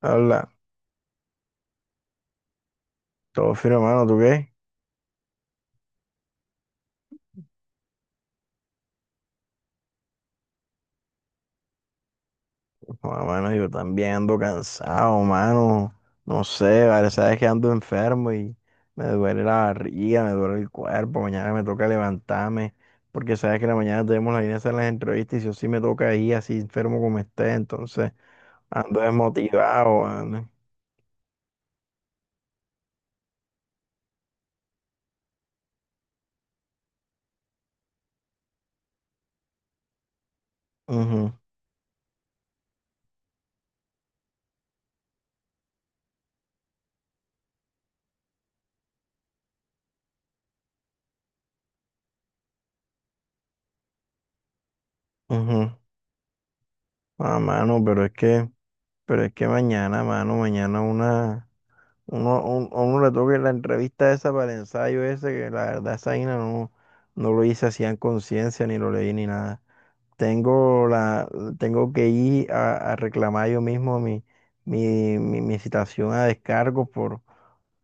Habla, todo fino mano, ¿tú qué? Bueno, mano, yo también ando cansado, mano. No sé, vale, sabes que ando enfermo y me duele la barriga, me duele el cuerpo. Mañana me toca levantarme, porque sabes que en la mañana tenemos la idea de hacer las entrevistas y yo sí me toca ir así enfermo como esté, entonces ando desmotivado, mano. Ujú, ujú. Ah, mano, pero es que mañana, mano, mañana una. A uno le toca la entrevista esa para el ensayo ese, que la verdad esa vaina no lo hice así en conciencia, ni lo leí ni nada. Tengo la, Tengo que ir a reclamar yo mismo mi citación a descargo por,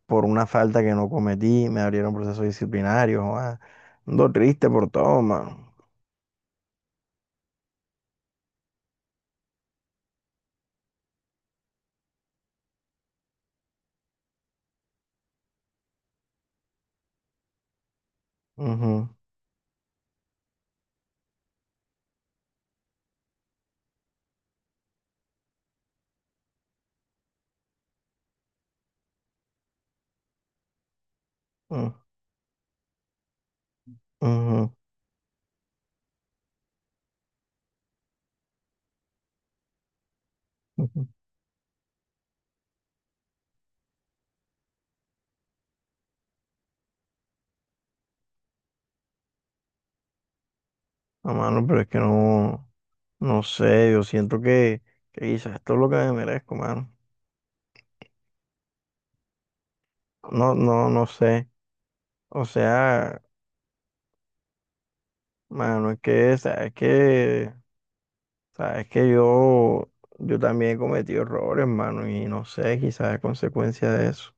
por una falta que no cometí, me abrieron procesos disciplinarios, joda. Ando triste por todo, mano. Ujú, ujú, ujú, ujú. No, mano, pero es que no, no sé, yo siento que quizás esto es lo que me merezco, mano. No, no, no sé. O sea, mano, es que, sabes que yo también he cometido errores, mano, y no sé, quizás a consecuencia de eso.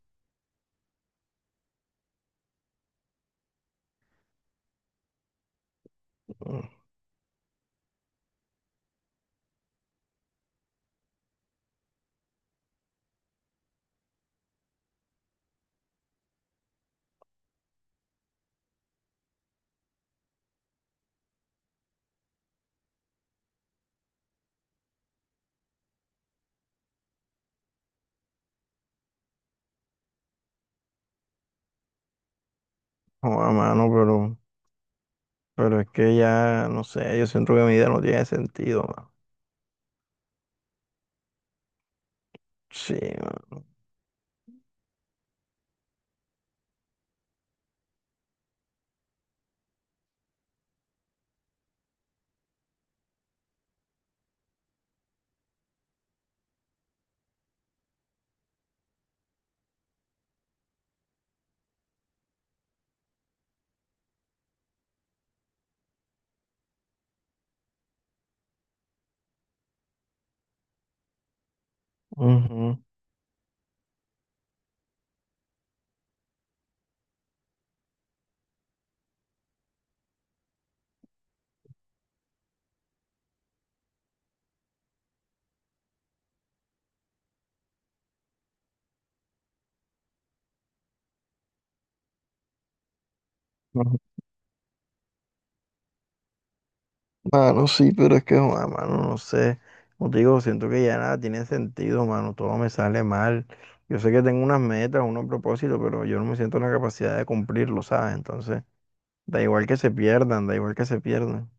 No, a mano, pero es que ya, no sé, yo siento que mi vida no tiene sentido, mano. Sí, mano. Ujú, mano, sí, pero es que, joda, mano, no sé. Como te digo, siento que ya nada tiene sentido, mano. Todo me sale mal. Yo sé que tengo unas metas, unos propósitos, pero yo no me siento en la capacidad de cumplirlo, ¿sabes? Entonces, da igual que se pierdan, da igual que se pierdan.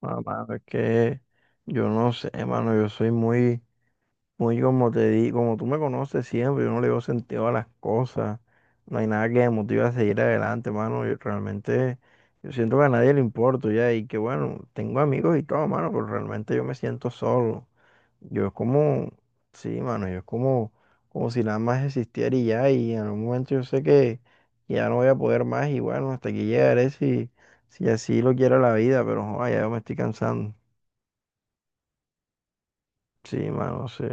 Ah, mano, es que yo no sé, mano. Yo soy muy como tú me conoces siempre, yo no le veo sentido a las cosas. No hay nada que me motive a seguir adelante, mano. Yo siento que a nadie le importo ya. Y que bueno, tengo amigos y todo, mano, pero realmente yo me siento solo. Yo es como, sí, mano, yo es como si nada más existiera y ya. Y en un momento yo sé que ya no voy a poder más. Y bueno, hasta aquí llegaré si así lo quiera la vida, pero joder, ya yo me estoy cansando. Sí, mano, sí.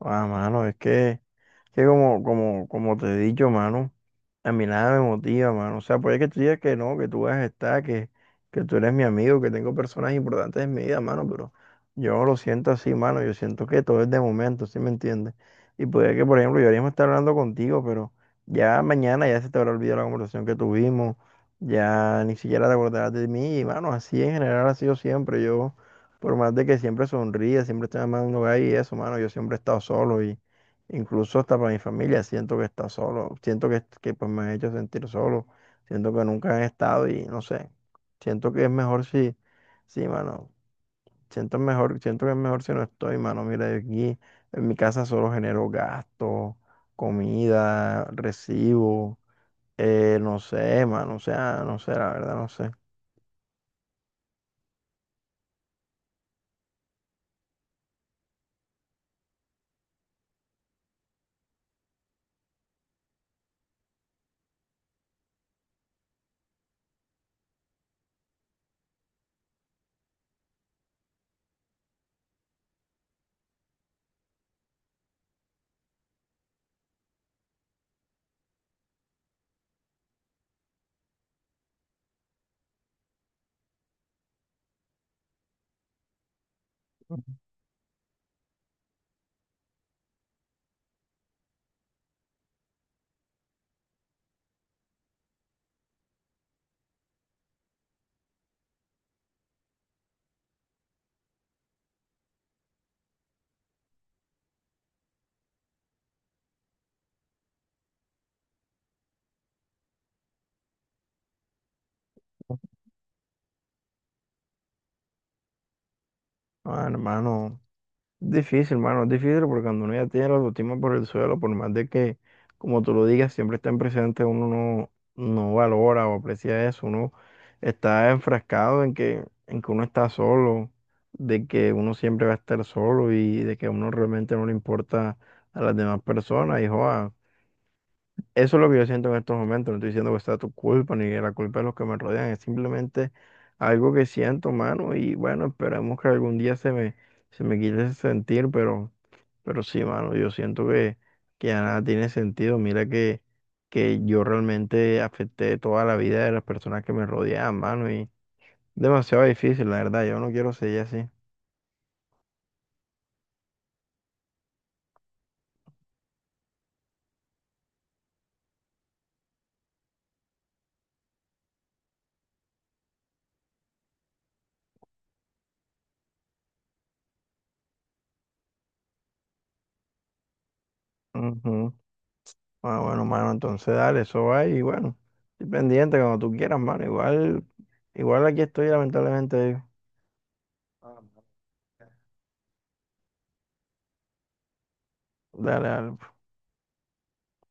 Ah, mano, es que. Que como te he dicho, mano, a mí nada me motiva, mano. O sea, puede que tú digas que no, que tú vas a estar, que tú eres mi amigo, que tengo personas importantes en mi vida, mano, pero yo no lo siento así, mano. Yo siento que todo es de momento, ¿sí me entiendes? Y puede que, por ejemplo, yo ahora mismo esté hablando contigo, pero ya mañana ya se te habrá olvidado la conversación que tuvimos, ya ni siquiera te acordarás de mí, y, mano, así en general ha sido siempre. Yo, por más de que siempre sonríe, siempre estoy amando ahí y eso, mano, yo siempre he estado solo y incluso hasta para mi familia siento que está solo, siento que pues me han hecho sentir solo, siento que nunca han estado y no sé, siento que es mejor si, sí, mano, siento que es mejor si no estoy, mano, mira, yo aquí en mi casa solo genero gastos, comida, recibo, no sé, mano, o sea, no sé, la verdad, no sé. Ah, hermano, difícil, hermano, es difícil porque cuando uno ya tiene la autoestima por el suelo, por más de que, como tú lo digas, siempre está en presente, uno no, no valora o aprecia eso, uno está enfrascado en que uno está solo, de que uno siempre va a estar solo y de que a uno realmente no le importa a las demás personas, y joa, eso es lo que yo siento en estos momentos. No estoy diciendo que sea tu culpa ni la culpa de los que me rodean. Es simplemente algo que siento, mano. Y bueno, esperemos que algún día se me quite ese sentir. Pero sí, mano, yo siento que ya nada tiene sentido. Mira que yo realmente afecté toda la vida de las personas que me rodeaban, mano. Y demasiado difícil, la verdad. Yo no quiero seguir así. Ujú. Ah, bueno, mano, entonces dale, eso va y bueno, estoy pendiente cuando tú quieras, mano. Igual aquí estoy, lamentablemente. Ah, no. Dale, dale.